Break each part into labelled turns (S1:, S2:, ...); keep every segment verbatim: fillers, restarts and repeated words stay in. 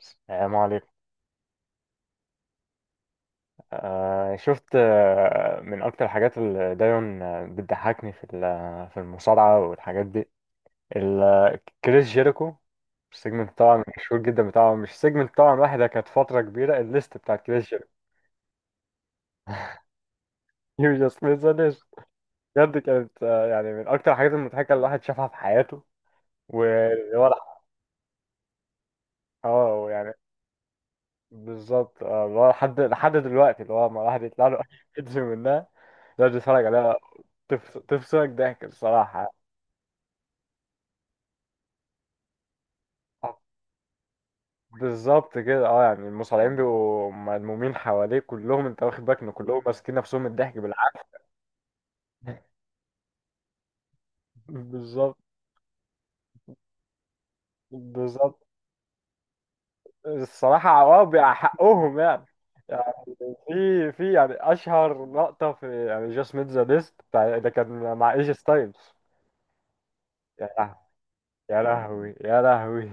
S1: السلام عليكم. آه، شفت، آه، من أكتر الحاجات اللي دايما آه، بتضحكني في ال- في المصارعة والحاجات دي. ال- آه، كريس جيريكو. السيجمنت طبعا مشهور جدا بتاعه، مش سيجمنت طبعا واحدة، كانت فترة كبيرة الليست بتاعت كريس جيريكو. يو جاست ميس ليست. بجد كانت، آه، يعني، من أكتر الحاجات المضحكة اللي الواحد شافها في حياته. واللي، اه يعني، بالظبط، آه، اللي هو لحد لحد دلوقتي، اللي هو ما الواحد يطلع له أي فيديو منها يقعد يتفرج عليها، تفص- تفصلك ضحك الصراحة. آه، بالظبط كده، اه يعني المصارعين بيبقوا ملمومين حواليه كلهم، انت واخد بالك ان كلهم ماسكين نفسهم من الضحك بالعافيه. بالظبط. بالظبط. الصراحه اه بيبقى حقهم يعني. يعني في في يعني اشهر لقطه، في يعني جاست ميت ذا ليست، ده كان مع ايجي ستايلز. يا لهوي، يا لهوي، يا لهوي.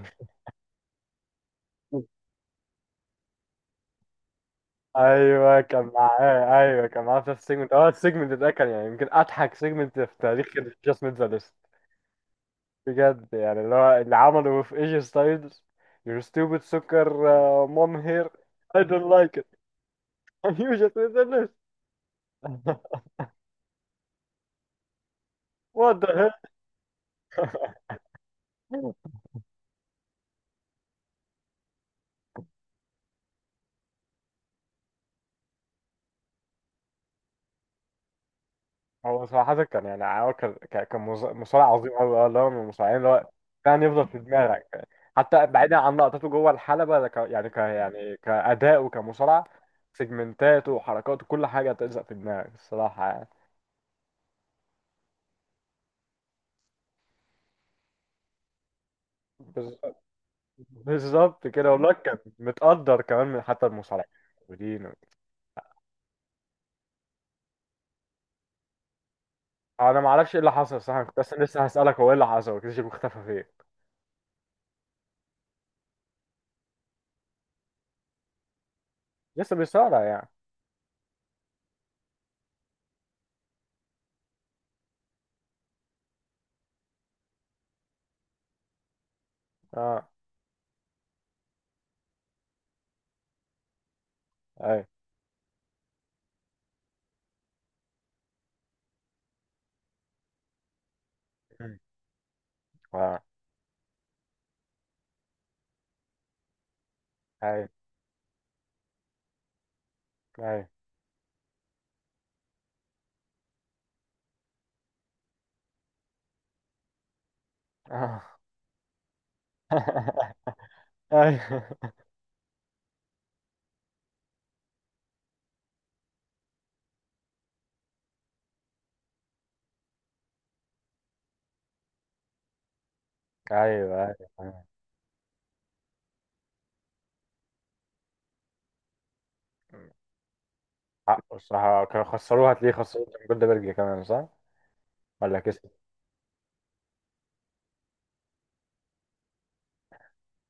S1: ايوه كان معاه، ايوه كان معاه في السيجمنت. اه السيجمنت ده كان يعني يمكن اضحك سيجمنت في تاريخ جاست ميت ذا ليست. بجد، يعني اللي هو اللي عمله في ايجي ستايلز. your stupid سكر، uh, mom hair. I don't like it. You just finished. What the hell. هو صراحة كان يعني، هو كان كان كان مص- مصارع عظيم أوي، أه اللي هو من المصارعين اللي هو كان يفضل في دماغك. حتى بعيدا عن لقطاته جوه الحلبة، ده ك- يعني ك يعني كأداء وكمصارع. سيجمنتاته وحركاته كل حاجة تلزق في دماغك الصراحة يعني. بز- بالظبط كده، والله كان متقدر كمان من حتى المصارعين. انا ما اعرفش ايه اللي حصل، صح؟ كنت اصلا لسه هسالك، هو ايه اللي حصل؟ كريستيانو شيكو اختفى فين؟ لسه بيصارع يعني؟ اه، اي، اه، اي، اي، آه. ايوه، ايوه، ايوه. حقه الصراحه، كانوا خسروها، هتلاقيه خسروه من جولدبرج كمان، صح ولا كسب؟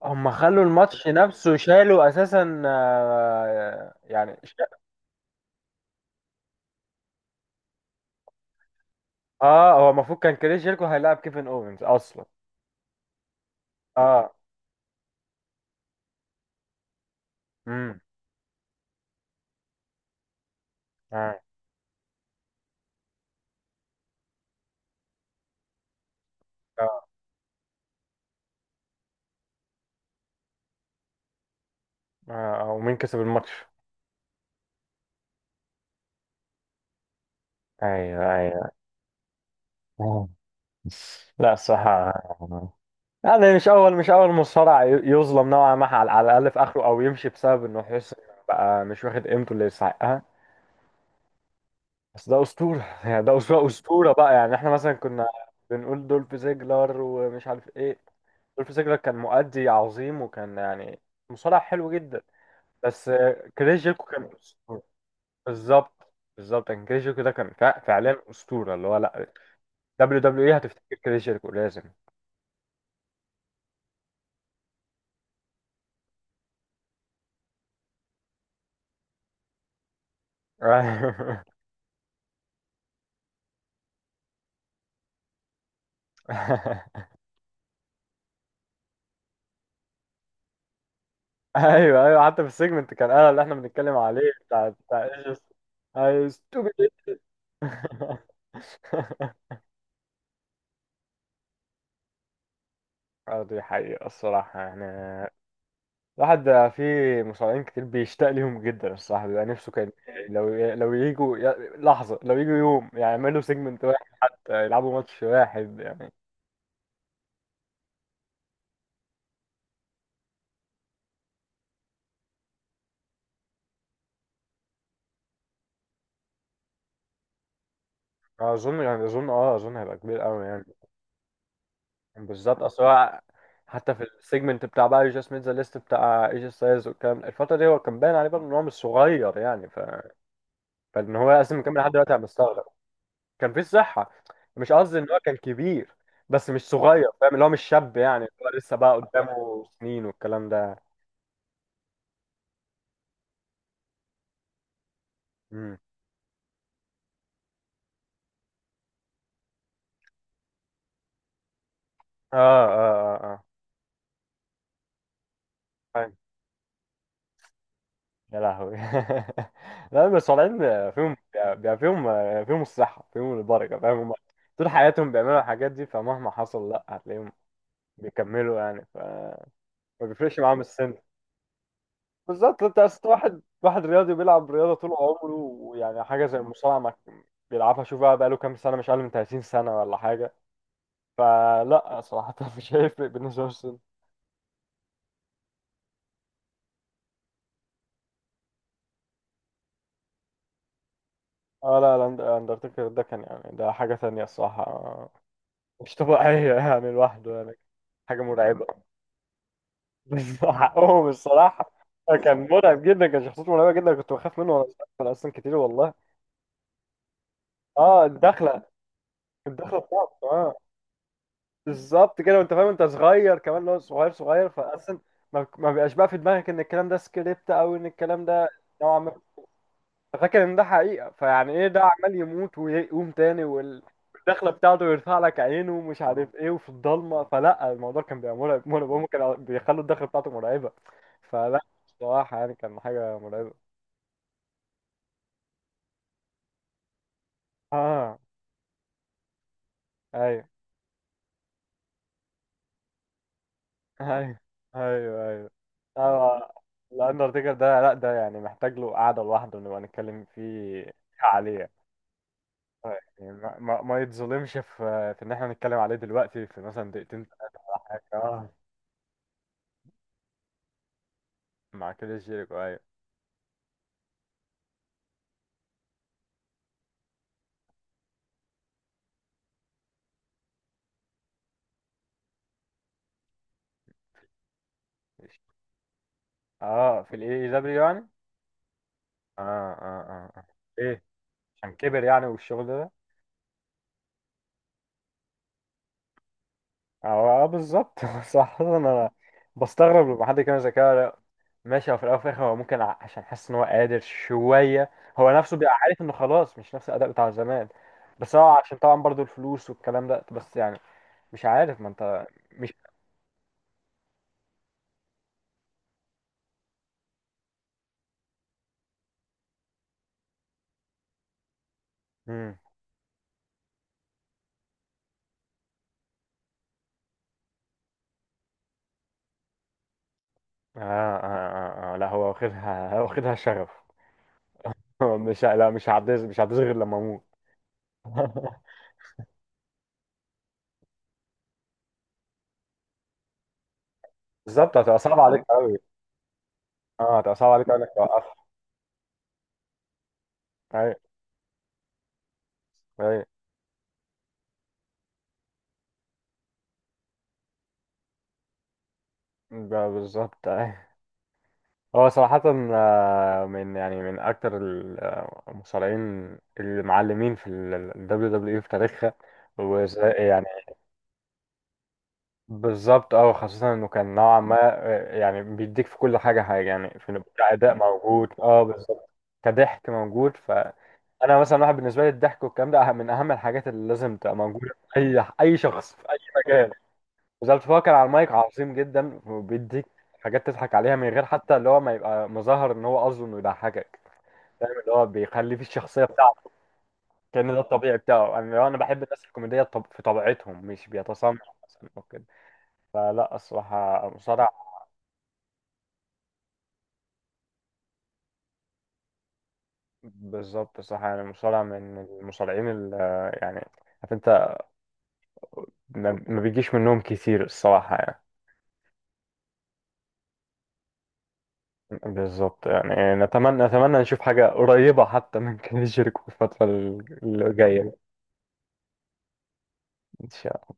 S1: هم خلوا الماتش نفسه، شالوا اساسا، آه، يعني ش- اه هو المفروض كان كريس جيركو هيلاعب كيفن اوينز اصلا. اه. امم. اه. اه. آه، ومين كسب الماتش؟ ايوه. ايوه. لا الصراحة يعني، مش أول مش أول مصارع ي- يظلم نوعا ما، على على الأقل في آخره، أو يمشي بسبب إنه يحس إنه بقى مش واخد قيمته اللي يستحقها. بس ده أسطورة. يعني ده أسطورة، أسطورة بقى، يعني إحنا مثلا كنا بنقول دولف زيجلر ومش عارف إيه. دولف زيجلر كان مؤدي عظيم، وكان يعني مصارع حلو جدا، بس آه، كريس جيركو كان أسطورة. بالظبط، بالظبط، كان كريس جيركو ده كان فع- فعلا أسطورة، اللي هو لا. دبليو دبليو إيه هتفتكر كريس جيركو لازم. ايوه، ايوه، حتى في السيجمنت كان، انا اللي احنا بنتكلم عليه، بتاع بتاع ايش؟ اي ستوبيد. اه دي حقيقة الصراحة يعني. الواحد، في مصارعين كتير بيشتاق ليهم جدا الصراحة، بيبقى نفسه كان لو لو يجوا ي- لحظة، لو يجوا يوم يعني يعملوا سيجمنت واحد، حتى يلعبوا ماتش واحد يعني. أظن، يعني أظن، أه أظن هيبقى كبير أوي يعني. بالظبط، اصل هو حتى في السيجمنت بتاع بقى جاست ميت ذا ليست بتاع ايجي ستايلز والكلام، الفتره دي هو كان باين عليه برضه ان هو مش صغير يعني ف... فان هو اصلا مكمل لحد دلوقتي، انا مستغرب. كان في صحه. مش قصدي ان هو كان كبير، بس مش صغير، فاهم، اللي هو مش شاب يعني، اللي هو لسه بقى قدامه سنين والكلام ده. امم. اه. اه. اه. اه. فاهم. يا لهوي. لا بس طالعين، فيهم، بيبقى فيهم، فيهم الصحه، فيهم البركه، فاهم. هم طول حياتهم بيعملوا الحاجات دي، فمهما حصل لا هتلاقيهم بيكملوا يعني، فما بيفرقش معاهم السن. بالظبط، انت اصل واحد واحد رياضي بيلعب رياضه طول عمره، ويعني حاجه زي المصارعه ما بيلعبها، شوف بقى بقاله كام سنه، مش اقل من تلاتين سنه ولا حاجه. فلا صراحه، مش هيفرق بالنسبه للسن. اه لا لا، الاند- الاندرتيكر ده كان يعني ده حاجه تانية الصراحه، آه، مش طبيعيه، يعني لوحده يعني حاجه مرعبه. بس حقهم الصراحه، كان مرعب جدا، كان شخصيته مرعبه جدا، كنت بخاف منه وانا صغير اصلا كتير والله. اه الدخله، الدخله بتاعته، اه بالظبط كده. وانت فاهم انت صغير كمان، اللي هو صغير صغير، فاصلا ما ما بيبقاش بقى في دماغك ان الكلام ده سكريبت، او ان الكلام ده نوعا ما، فاكر ان ده حقيقه، فيعني ايه ده عمال يموت ويقوم تاني وال- والدخله بتاعته يرفع لك عينه ومش عارف ايه وفي الضلمه، فلا الموضوع كان بيبقى مرعب مرعب، هم كانوا بيخلوا الدخله بتاعته مرعبه. فلا بصراحه يعني كان حاجه مرعبه. اه. ايوه، ايوه، ايوه، ايوه، أيوة. الاندرتيكر ده لا، ده يعني محتاج له قعده لوحده نبقى نتكلم فيه عليه يعني، ما, ما, ما يتظلمش في، في ان احنا نتكلم عليه دلوقتي في مثلا دقيقتين ثلاثه ولا حاجه. اه مع كل جيريكو، ايوه. اه في الاي، اي دبليو يعني. اه. اه. اه. آه. ايه، عشان كبر يعني والشغل ده. اه. آه، بالظبط. صح، انا بستغرب لما حد يتكلم زي كده. ماشي، هو في الاول وفي الاخر هو ممكن ع- عشان حاسس ان هو قادر شويه، هو نفسه بيبقى عارف انه خلاص مش نفس الاداء بتاع زمان، بس هو عشان طبعا برضو الفلوس والكلام ده، بس يعني مش عارف، ما انت، مش. مم. آه, آه, آه, آه لا هو واخدها، هو واخدها شغف. هو مش ه- لا، مش هعديها، مش هعديها غير لما اموت. بالظبط، هتبقى صعبة عليك قوي. اه هتبقى صعبة عليك قوي انك توقفها. ايوه. ايوه. ب- بالظبط. ايوه. هو صراحة، آه، من يعني، من أكتر ال- آه، المصارعين المعلمين في ال دبليو دبليو إي في تاريخها. وزي يعني، بالظبط، اه خاصة إنه كان نوعا ما، آه، يعني بيديك في كل حاجة، حاجة يعني، في كأداء موجود اه بالظبط، كضحك موجود، فأنا مثلا، واحد بالنسبة لي الضحك والكلام ده أهم- من أهم الحاجات اللي لازم تبقى موجودة في أي، أي شخص في أي مكان. بالظبط، فهو كان على المايك عظيم جدا، وبيديك حاجات تضحك عليها من غير حتى اللي هو ما يبقى مظاهر إن هو قصده إنه يضحكك، فاهم، اللي هو بيخليه في الشخصية بتاعته كأن ده الطبيعي بتاعه. أنا لو، أنا بحب الناس الكوميدية الطب- في طبيعتهم، مش بيتصنع مثلا أو كده. فلا الصراحة مصارع، بالظبط الصراحة يعني مصارع من المصارعين اللي يعني، عارف أنت، ما ما بيجيش منهم كتير الصراحة يعني. بالظبط يعني، نتمنى، نتمنى نشوف حاجة قريبة حتى من كده جيركو في الفترة اللي جاية. إن شاء الله.